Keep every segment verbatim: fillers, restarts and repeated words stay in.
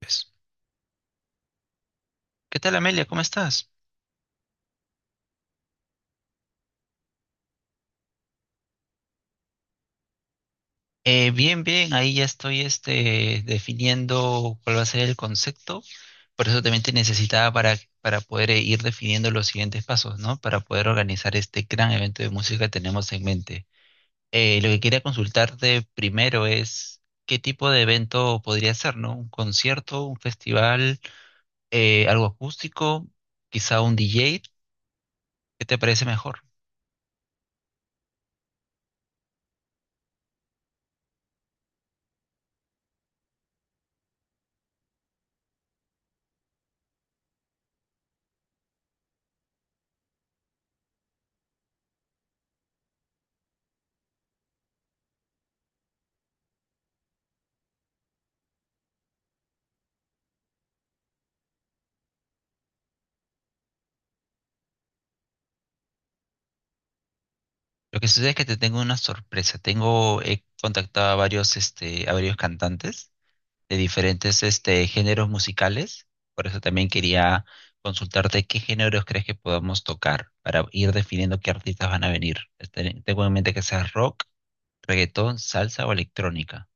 Pues, ¿qué tal, Amelia? ¿Cómo estás? Eh, bien, bien, ahí ya estoy este, definiendo cuál va a ser el concepto. Por eso también te necesitaba para, para poder eh, ir definiendo los siguientes pasos, ¿no? Para poder organizar este gran evento de música que tenemos en mente. Eh, lo que quería consultarte primero es qué tipo de evento podría ser, ¿no? ¿Un concierto, un festival, eh, algo acústico, quizá un D J? ¿Qué te parece mejor? Lo que sucede es que te tengo una sorpresa. Tengo, he contactado a varios, este, a varios cantantes de diferentes, este, géneros musicales. Por eso también quería consultarte qué géneros crees que podamos tocar para ir definiendo qué artistas van a venir. Este, Tengo en mente que sea rock, reggaetón, salsa o electrónica.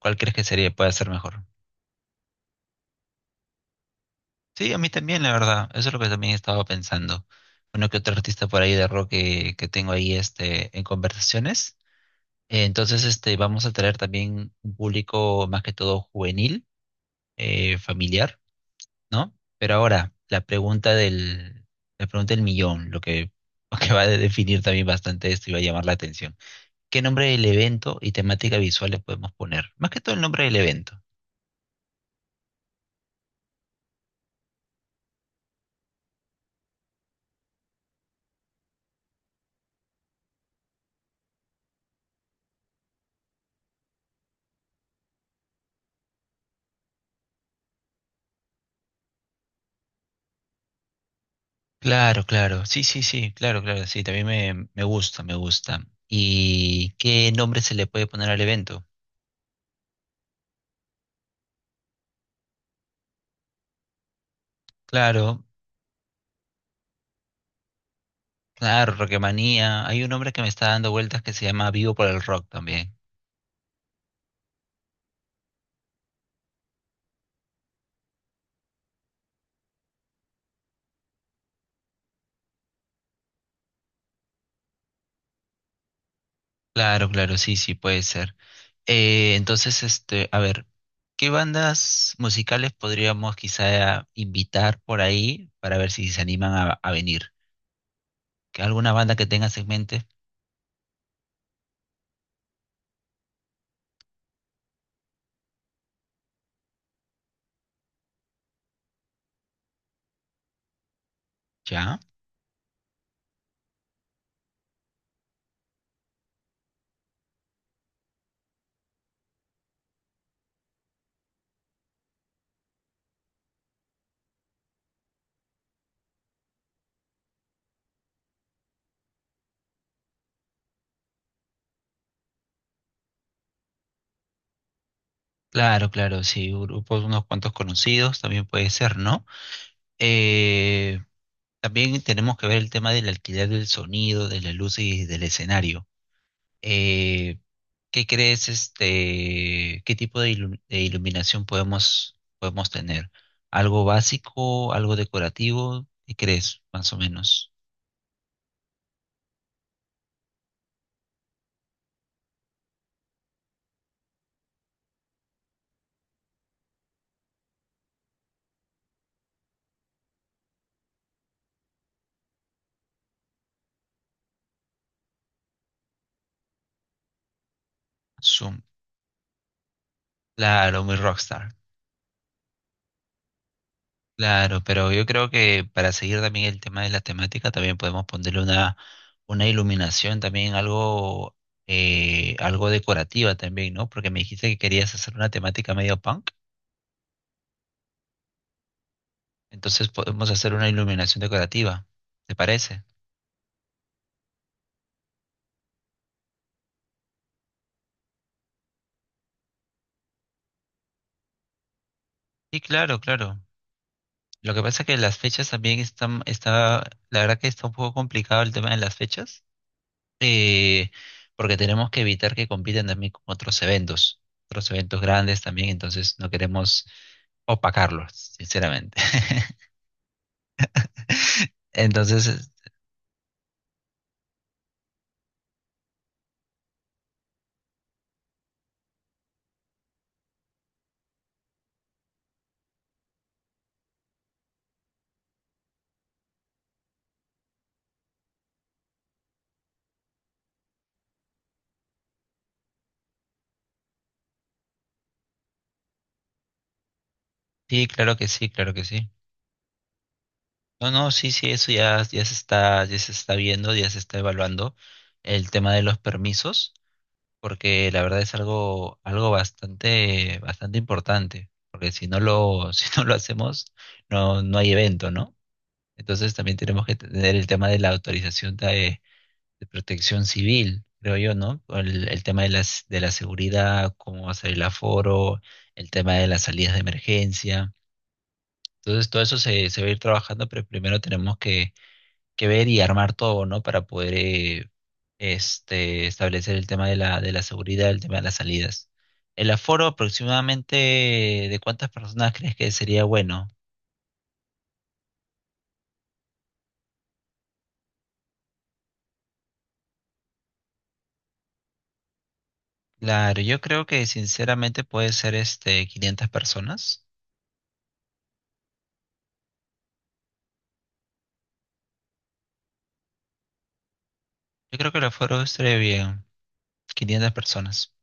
¿Cuál crees que sería, puede ser mejor? Sí, a mí también, la verdad. Eso es lo que también estaba pensando. Uno que otro artista por ahí de rock que, que tengo ahí, este, en conversaciones. Eh, Entonces, este, vamos a traer también un público más que todo juvenil, eh, familiar, ¿no? Pero ahora, la pregunta del, la pregunta del millón, lo que, lo que va a definir también bastante esto y va a llamar la atención. ¿Qué nombre del evento y temática visual le podemos poner? Más que todo el nombre del evento. Claro, claro, sí, sí, sí, claro, claro, sí, también me, me gusta, me gusta. ¿Y qué nombre se le puede poner al evento? Claro, claro, Rocketmanía. Hay un hombre que me está dando vueltas que se llama Vivo por el Rock también. Claro, claro, sí, sí, puede ser. Eh, entonces, este, a ver, ¿qué bandas musicales podríamos quizá invitar por ahí para ver si se animan a, a venir? ¿Que alguna banda que tengas en mente? Ya. Claro, claro, sí, grupos, unos cuantos conocidos también puede ser, ¿no? Eh, También tenemos que ver el tema del alquiler del sonido, de la luz y del escenario. Eh, ¿Qué crees, este, qué tipo de, ilu- de iluminación podemos, podemos tener? ¿Algo básico, algo decorativo? ¿Qué crees, más o menos? Zoom. Claro, muy rockstar. Claro, pero yo creo que para seguir también el tema de la temática, también podemos ponerle una, una iluminación también algo, eh, algo decorativa también, ¿no? Porque me dijiste que querías hacer una temática medio punk, entonces podemos hacer una iluminación decorativa, ¿te parece? Sí, claro, claro. Lo que pasa es que las fechas también están, está, la verdad que está un poco complicado el tema de las fechas, eh, porque tenemos que evitar que compitan también con otros eventos, otros eventos grandes también, entonces no queremos opacarlos, sinceramente. Entonces, sí, claro que sí, claro que sí. No, no, sí, sí, eso ya, ya se está, ya se está viendo, ya se está evaluando el tema de los permisos. Porque la verdad es algo, algo bastante, bastante importante, porque si no lo, si no lo hacemos, no, no hay evento, ¿no? Entonces también tenemos que tener el tema de la autorización de, de protección civil, creo yo, ¿no? El, el tema de las, de la seguridad, cómo va a ser el aforo, el tema de las salidas de emergencia. Entonces todo eso se, se va a ir trabajando, pero primero tenemos que que ver y armar todo, ¿no? Para poder eh, este, establecer el tema de la, de la seguridad, el tema de las salidas. El aforo aproximadamente de cuántas personas crees que sería bueno. Claro, yo creo que sinceramente puede ser este quinientas personas. Yo creo que el aforo estaría bien, quinientas personas.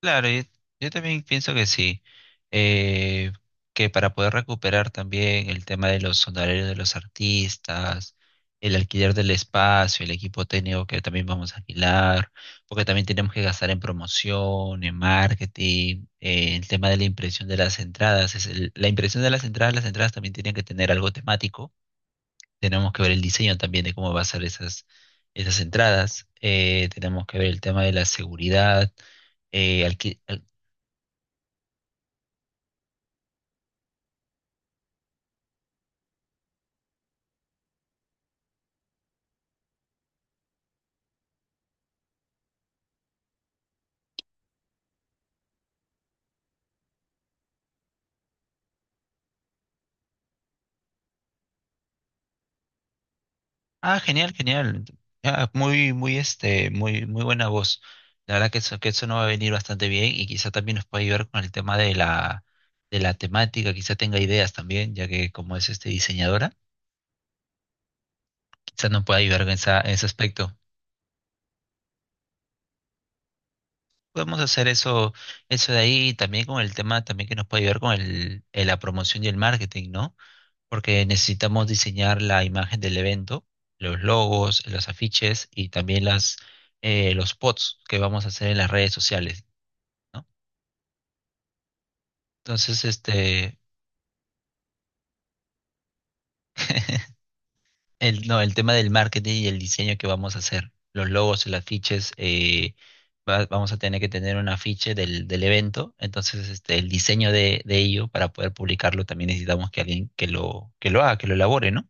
Claro, yo, yo también pienso que sí, eh, que para poder recuperar también el tema de los honorarios de los artistas, el alquiler del espacio, el equipo técnico que también vamos a alquilar, porque también tenemos que gastar en promoción, en marketing, eh, el tema de la impresión de las entradas, es el- la impresión de las entradas, las entradas también tienen que tener algo temático, tenemos que ver el diseño también de cómo va a ser esas, esas entradas, eh, tenemos que ver el tema de la seguridad. eh, Ah, genial, genial. Ah, muy, muy, este, muy, muy buena voz. La verdad que eso, que eso nos va a venir bastante bien y quizá también nos puede ayudar con el tema de la, de la temática, quizá tenga ideas también, ya que como es este diseñadora, quizá nos pueda ayudar en esa, en ese aspecto. Podemos hacer eso, eso de ahí y también con el tema también que nos puede ayudar con el, eh, la promoción y el marketing, ¿no? Porque necesitamos diseñar la imagen del evento, los logos, los afiches y también las, eh, los spots que vamos a hacer en las redes sociales, ¿no? Entonces, este, el, no, el tema del marketing y el diseño que vamos a hacer, los logos, los afiches, eh, va- vamos a tener que tener un afiche del, del evento, entonces este, el diseño de, de ello para poder publicarlo también necesitamos que alguien que lo, que lo haga, que lo elabore, ¿no?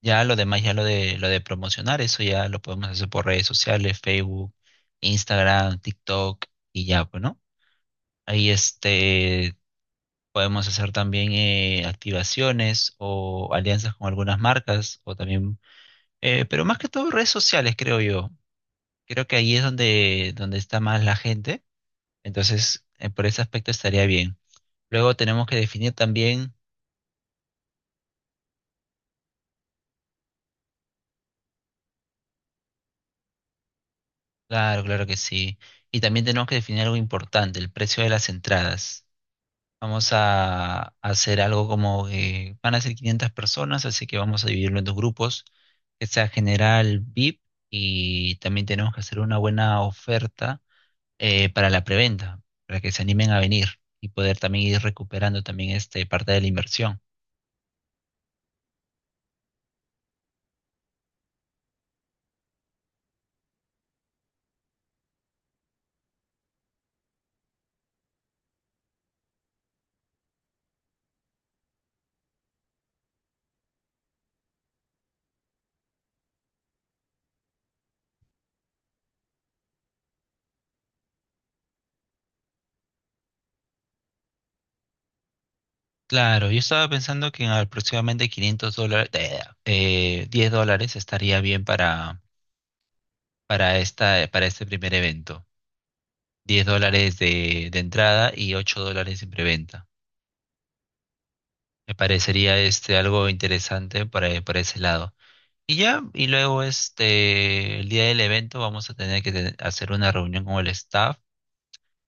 Ya lo demás, ya lo de lo de promocionar, eso ya lo podemos hacer por redes sociales, Facebook, Instagram, TikTok y ya, pues, ¿no? Ahí este podemos hacer también eh, activaciones o alianzas con algunas marcas o también, eh, pero más que todo redes sociales, creo yo. Creo que ahí es donde donde está más la gente, entonces eh, por ese aspecto estaría bien. Luego tenemos que definir también, claro, claro que sí, y también tenemos que definir algo importante, el precio de las entradas. Vamos a, hacer algo como que van a ser quinientas personas, así que vamos a dividirlo en dos grupos, que sea general V I P, y también tenemos que hacer una buena oferta eh, para la preventa, para que se animen a venir y poder también ir recuperando también este, parte de la inversión. Claro, yo estaba pensando que en aproximadamente quinientos dólares, eh, diez dólares estaría bien para, para, esta, para este primer evento. Diez dólares de, de entrada y ocho dólares en preventa. Me parecería este algo interesante para, para ese lado. Y ya, y luego este, el día del evento vamos a tener que te- hacer una reunión con el staff,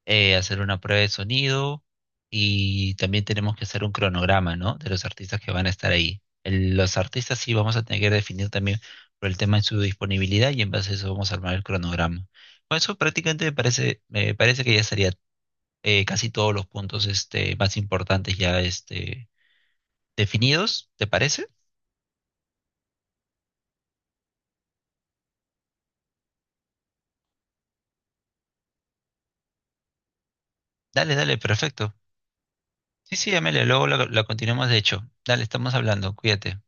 eh, hacer una prueba de sonido y también tenemos que hacer un cronograma, ¿no? De los artistas que van a estar ahí. El- los artistas sí vamos a tener que definir también por el tema de su disponibilidad y en base a eso vamos a armar el cronograma. Con eso prácticamente me parece, me parece que ya estaría eh, casi todos los puntos este, más importantes ya este, definidos, ¿te parece? Dale, dale, perfecto. Sí, sí, Amelia, luego la, la continuamos de hecho. Dale, estamos hablando, cuídate.